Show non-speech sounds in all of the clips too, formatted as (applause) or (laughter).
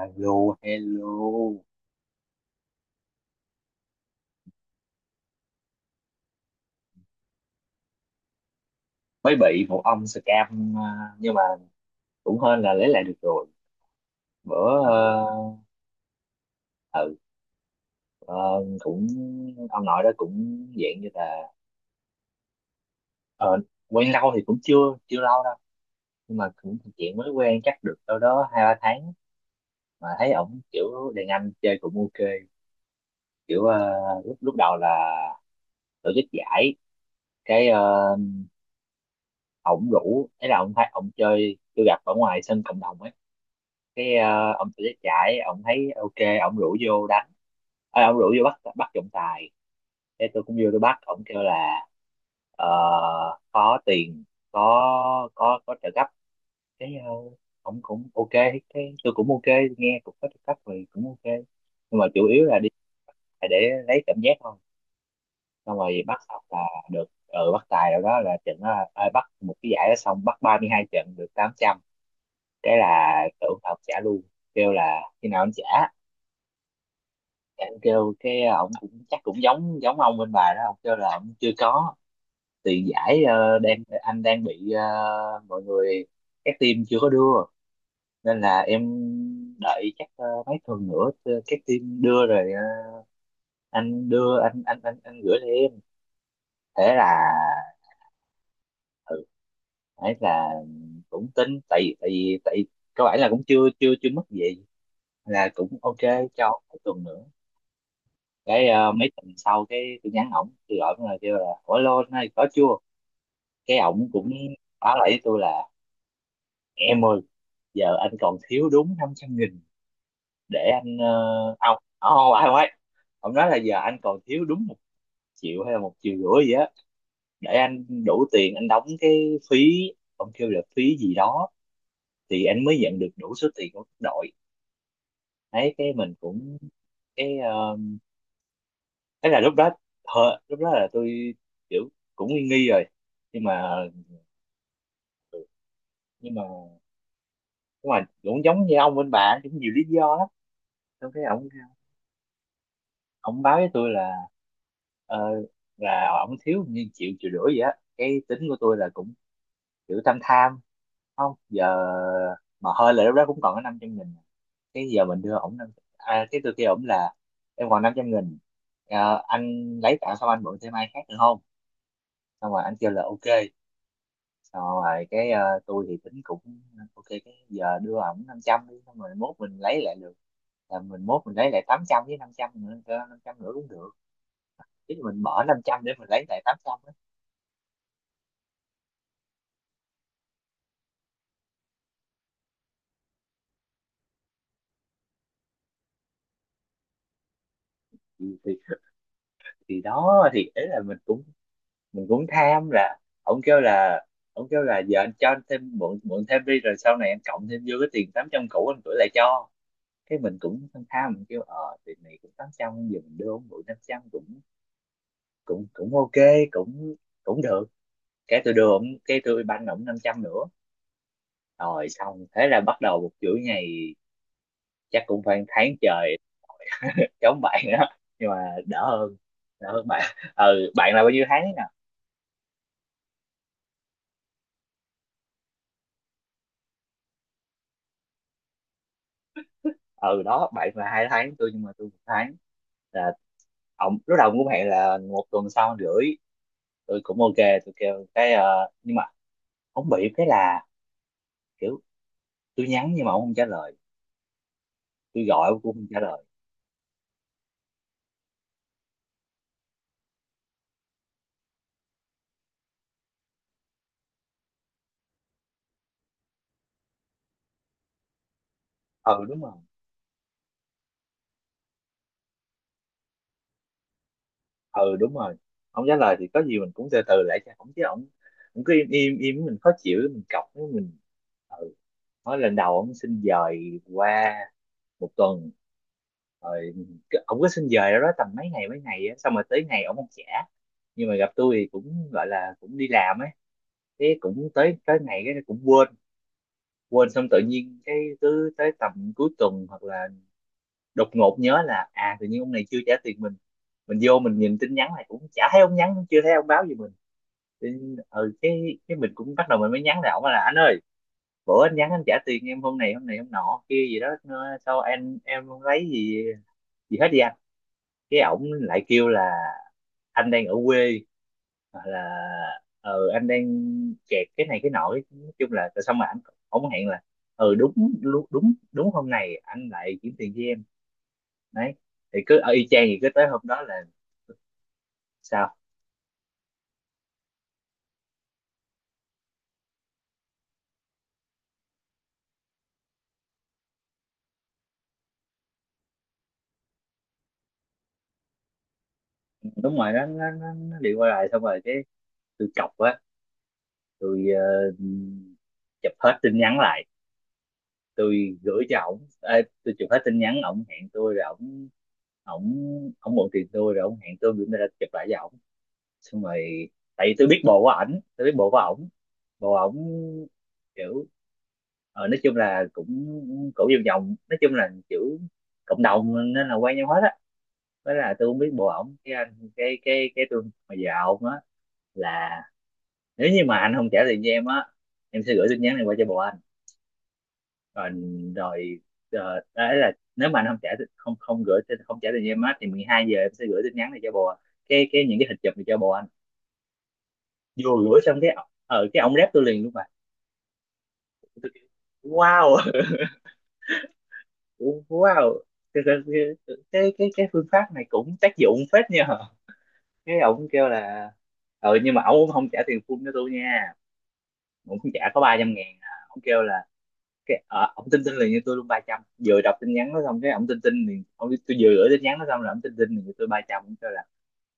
Alo, hello. Mới bị một ông scam à, nhưng mà cũng hên là lấy lại được rồi. Bữa ờ, ừ ờ, cũng ông nội đó cũng dạng như là ờ, quen lâu thì cũng chưa chưa lâu đâu, nhưng mà cũng chuyện mới quen chắc được đâu đó hai ba tháng mà thấy ổng kiểu đàn anh chơi cũng ok. Kiểu lúc lúc đầu là tổ chức giải, cái ờ, ổng rủ ấy là ổng thấy ổng chơi tôi gặp ở ngoài sân cộng đồng ấy, ông tôi chạy ông thấy ok ông rủ vô đánh. Ông rủ vô bắt bắt trọng tài, thế tôi cũng vô tôi bắt, ông kêu là ờ, có tiền, có trợ cấp. Cái ông cũng ok, cái tôi cũng ok, nghe cũng có trợ cấp thì cũng ok, nhưng mà chủ yếu là đi lại để lấy cảm giác thôi. Xong rồi bắt xong là được, bắt tài rồi đó, là trận đó bắt một cái giải đó xong bắt 32 trận được 800. Cái là tưởng là ông trả luôn, kêu là khi nào anh trả em, kêu ông cũng chắc cũng giống giống ông bên bà đó, ông kêu là ông chưa có tiền giải, ờ, đang anh đang bị, mọi người các team chưa có đưa nên là em đợi chắc mấy tuần nữa, các team đưa rồi anh đưa, anh gửi cho em. Thế là ừ ấy là cũng tính, tại tại vì cơ bản là cũng chưa chưa chưa mất gì là cũng ok, cho mấy tuần nữa. Mấy tuần sau cái tôi nhắn ổng, tôi gọi ổng là kêu là ủa lô này có chưa. Cái ổng cũng báo lại với tôi là em ơi, giờ anh còn thiếu đúng 500.000 để anh, ông, oh, ai ấy ông nói là giờ anh còn thiếu đúng 1 triệu hay là 1,5 triệu gì á để anh đủ tiền anh đóng cái phí, ông kêu là phí gì đó thì anh mới nhận được đủ số tiền của đội ấy. Cái mình cũng, cái thế là lúc đó, lúc đó là tôi kiểu cũng nghi nghi rồi, nhưng mà ừ, nhưng mà nhưng mà cũng giống như ông bên bà cũng nhiều lý do lắm. Xong cái ông báo với tôi là ờ, là ổng thiếu như triệu triệu rưỡi vậy á. Cái tính của tôi là cũng kiểu tham tham, không giờ mà hơi là lúc đó cũng còn có 500.000, cái giờ mình đưa ổng cái tôi kêu ổng là em còn 500.000. Ờ, anh lấy tạm xong anh mượn thêm ai khác được không. Xong rồi anh kêu là ok, xong rồi tôi thì tính cũng ok, cái giờ đưa ổng 500 đi xong rồi mốt mình lấy lại được, là mình mốt mình lấy lại 800 với 500 nữa. Năm trăm nữa cũng được, chứ mình bỏ 500 để mình lấy lại 800 á. Thì, thì thì đó, thì ấy là mình cũng tham là. Ông kêu là ông kêu là giờ anh cho anh thêm mượn mượn thêm đi, rồi sau này anh cộng thêm vô cái tiền 800 cũ anh gửi lại cho. Cái mình cũng tham tham, mình kêu tiền này cũng 800 giờ mình đưa ông mượn 500 cũng cũng cũng ok, cũng cũng được. Cái tôi đưa ông, cái tôi ban ổng 500 nữa. Rồi xong thế là bắt đầu một chuỗi ngày chắc cũng phải 1 tháng trời. (laughs) Giống bạn đó nhưng mà đỡ hơn, đỡ hơn bạn. Ừ, bạn là bao nhiêu tháng nè. Ừ đó, bạn là 2 tháng tôi nhưng mà tôi 1 tháng, là ông lúc đầu cũng hẹn là 1 tuần sau một rưỡi, tôi cũng ok. Tôi kêu nhưng mà ông bị cái là kiểu tôi nhắn nhưng mà ông không trả lời, tôi gọi ông cũng không trả lời. Ừ, đúng rồi. Ừ, đúng rồi. Ông trả lời thì có gì mình cũng từ từ lại cho ông chứ, ông cũng cứ im im im mình khó chịu mình cọc với mình. Ừ, nói lần đầu ông xin dời qua 1 tuần rồi ổng cứ xin về đó tầm mấy ngày á, xong rồi tới ngày ổng không trả. Nhưng mà gặp tôi thì cũng gọi là cũng đi làm ấy, thế cũng tới tới ngày cái cũng quên quên xong. Tự nhiên cái cứ tới tầm cuối tuần hoặc là đột ngột nhớ là à tự nhiên ông này chưa trả tiền mình vô mình nhìn tin nhắn này cũng chả thấy ông nhắn, cũng chưa thấy ông báo gì mình. Thì, cái mình cũng bắt đầu mình mới nhắn lại ổng là anh ơi, bữa anh nhắn anh trả tiền em hôm này hôm này hôm nọ kia gì đó sao anh em không lấy gì gì hết đi anh. Cái ổng lại kêu là anh đang ở quê hoặc là ừ anh đang kẹt cái này cái nọ, nói chung là tại sao mà anh, ổng hẹn là ừ đúng đúng đúng hôm này anh lại chuyển tiền cho em đấy. Thì cứ ở y chang thì cứ tới hôm đó là sao. Đúng rồi, nó đi qua lại. Xong rồi cái tôi chọc á, tôi chụp hết tin nhắn lại tôi gửi cho ổng. Ê, tôi chụp hết tin nhắn ổng hẹn tôi rồi ổng ổng ổng mượn tiền tôi rồi ổng hẹn tôi gửi ra chụp lại cho ổng xong rồi, tại vì tôi biết bộ của ảnh, tôi biết bộ của ổng. Bộ ổng kiểu nói chung là cũng cổ vòng vòng, nói chung là kiểu cộng đồng nên là quen nhau hết á. Với là tôi không biết bộ ổng cái anh cái tôi mà dạo ổng á, là nếu như mà anh không trả tiền cho em á, em sẽ gửi tin nhắn này qua cho bộ anh. Còn rồi, đấy là nếu mà anh không trả không không gửi không trả tiền cho em á thì 12 giờ em sẽ gửi tin nhắn này cho bộ, cái những cái hình chụp này cho bộ anh. Vừa gửi xong cái ở cái ông rep tôi liền luôn mà. Tôi kêu, wow. (laughs) Wow. Cái cái cái, cái phương pháp này cũng tác dụng phết nha. Cái ông kêu là ừ nhưng mà ông không trả tiền full cho tôi nha, ông không trả có 300.000 à. Ông kêu là ông tin tin liền cho tôi luôn 300 vừa đọc tin nhắn nó xong. Cái ông tin tin liền, ông tôi vừa gửi tin nhắn nó xong là ông tin tin liền cho tôi 300, ông kêu là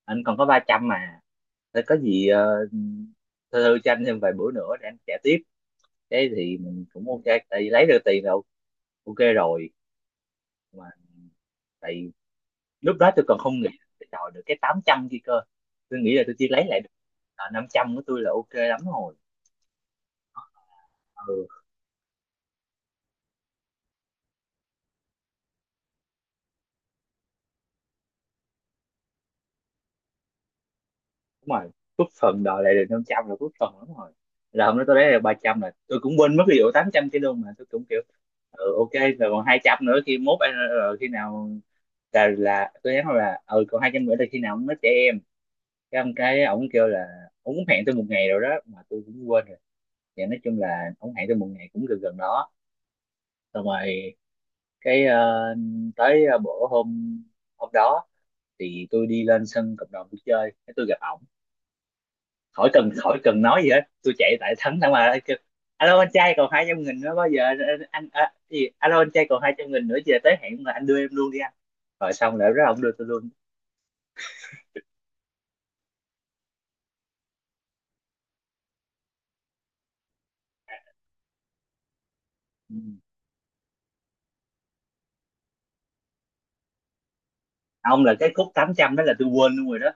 anh còn có 300 mà. Thế có gì thư thư cho anh thêm vài bữa nữa để anh trả tiếp. Thế thì mình cũng ok, tại vì lấy được tiền rồi, ok rồi. Mà tại lúc đó tôi còn không nghĩ tôi đòi được cái 800 kia cơ. Tôi nghĩ là tôi chỉ lấy lại được, 500 của tôi là ok lắm rồi. Ừ đúng rồi, cúp phần đòi lại được 500 là cúp phần lắm rồi, là hôm đó tôi lấy được 300 là tôi cũng quên mất cái vụ 800 kia luôn, mà tôi cũng kiểu ừ, ok. Rồi còn 200 nữa khi mốt anh khi nào, là tôi nhắn là ừ còn 200 nữa là khi nào nó trẻ em. Cái ông kêu là ông cũng hẹn tôi một ngày rồi đó mà tôi cũng quên. Thì nói chung là ông hẹn tôi một ngày cũng gần gần đó. Xong rồi cái ờ, tới bữa hôm hôm đó thì tôi đi lên sân cộng đồng tôi chơi cái tôi gặp ổng. Khỏi cần khỏi cần nói gì hết, tôi chạy tại thẳng mà kêu, alo anh trai còn 200.000 nữa bao giờ Ờ, anh à, gì alo anh trai còn hai trăm nghìn nữa giờ tới hẹn mà anh đưa em luôn đi anh. Rồi xong rồi đó ông đưa tôi luôn. Ừ. Ông là cái khúc 800 đó là tôi quên luôn rồi đó,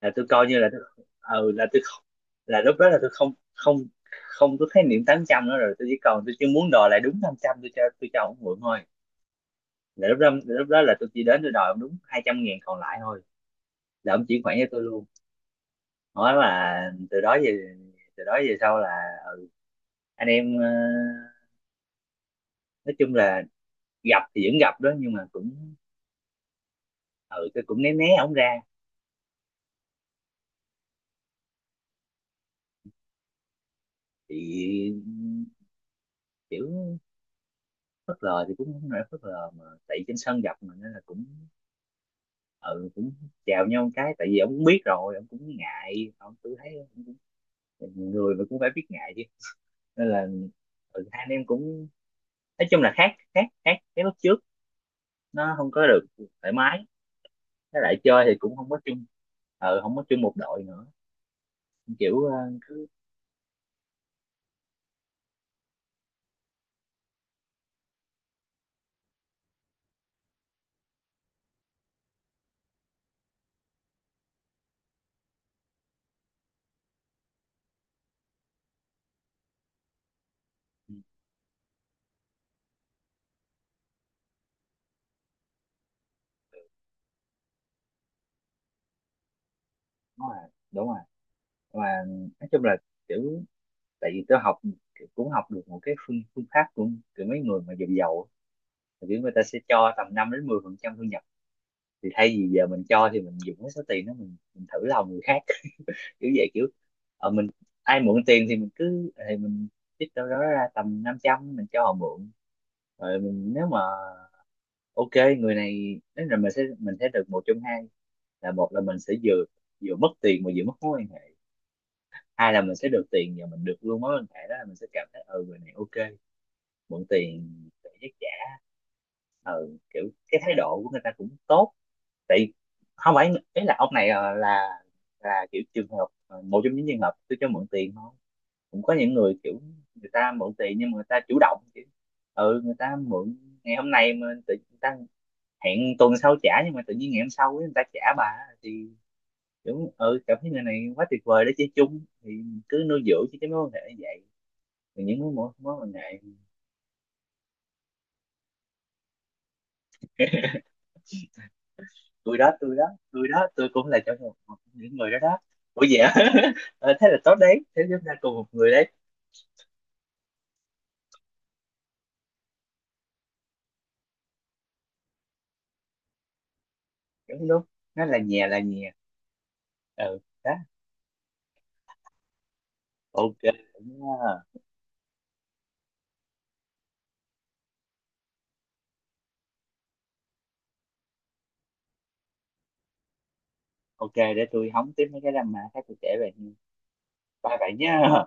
là tôi coi như là là tôi không, là lúc đó là tôi không không không có khái niệm 800 nữa rồi. Tôi chỉ còn tôi chỉ muốn đòi lại đúng 500 tôi cho ông mượn thôi. Là lúc đó là tôi chỉ đến tôi đòi ông đúng 200.000 còn lại thôi là ông chuyển khoản cho tôi luôn, nói là. Từ đó về, từ đó về sau là ờ, anh em nói chung là gặp thì vẫn gặp đó nhưng mà cũng ừ tôi cũng né né ổng ra. Thì kiểu phớt lờ thì cũng không phải phớt lờ mà tại trên sân gặp mà nên là cũng ừ cũng chào nhau. Cái tại vì ông cũng biết rồi ông cũng ngại, ông tôi thấy ông cũng, người mà cũng phải biết ngại chứ. (laughs) Nên là ừ, hai anh em cũng nói chung là khác khác khác cái lúc trước, nó không có được thoải mái. Với lại chơi thì cũng không có chung, không có chung một đội nữa. Kiểu cứ ừ, đúng rồi đúng rồi. Mà nói chung là kiểu, tại vì tôi học cũng học được một cái phương phương pháp của mấy người mà giàu giàu thì kiểu người ta sẽ cho tầm 5 đến 10% thu. Thì thay vì giờ mình cho thì mình dùng cái số tiền đó mình thử lòng người khác, kiểu vậy kiểu mình ai mượn tiền thì mình cứ thì mình trích đâu đó ra tầm 500 mình cho họ mượn rồi mình. Nếu mà ok người này đến là mình sẽ được một trong hai, là một là mình sẽ vừa vừa mất tiền mà vừa mất mối quan hệ, hai là mình sẽ được tiền và mình được luôn mối quan hệ đó, là mình sẽ cảm thấy ừ người này ok mượn tiền để giấc trả. Ừ kiểu, cái thái độ của người ta cũng tốt. Tại không phải ý là ông này là kiểu trường hợp một trong những trường hợp tôi cho mượn tiền thôi. Cũng có những người kiểu người ta mượn tiền nhưng mà người ta chủ động chứ. Ừ, người ta mượn ngày hôm nay mà tự người ta hẹn tuần sau trả nhưng mà tự nhiên ngày hôm sau ấy, người ta trả bà. Thì kiểu ừ cảm thấy người này quá tuyệt vời để chơi chung thì cứ nuôi dưỡng chứ cái mối quan hệ như vậy. Thì những mối mối mối quan hệ, tôi đó tôi đó tôi đó tôi cũng là trong một, một những người đó đó. Ủa vậy hả? (laughs) Ờ, thế là tốt đấy, thế chúng ta cùng một người đấy. Đúng đúng, nó là nhà là nhà. Ừ đó. Ok cũng, ok, để tôi hóng tiếp mấy cái drama khác tôi kể về. Bye bye nhá.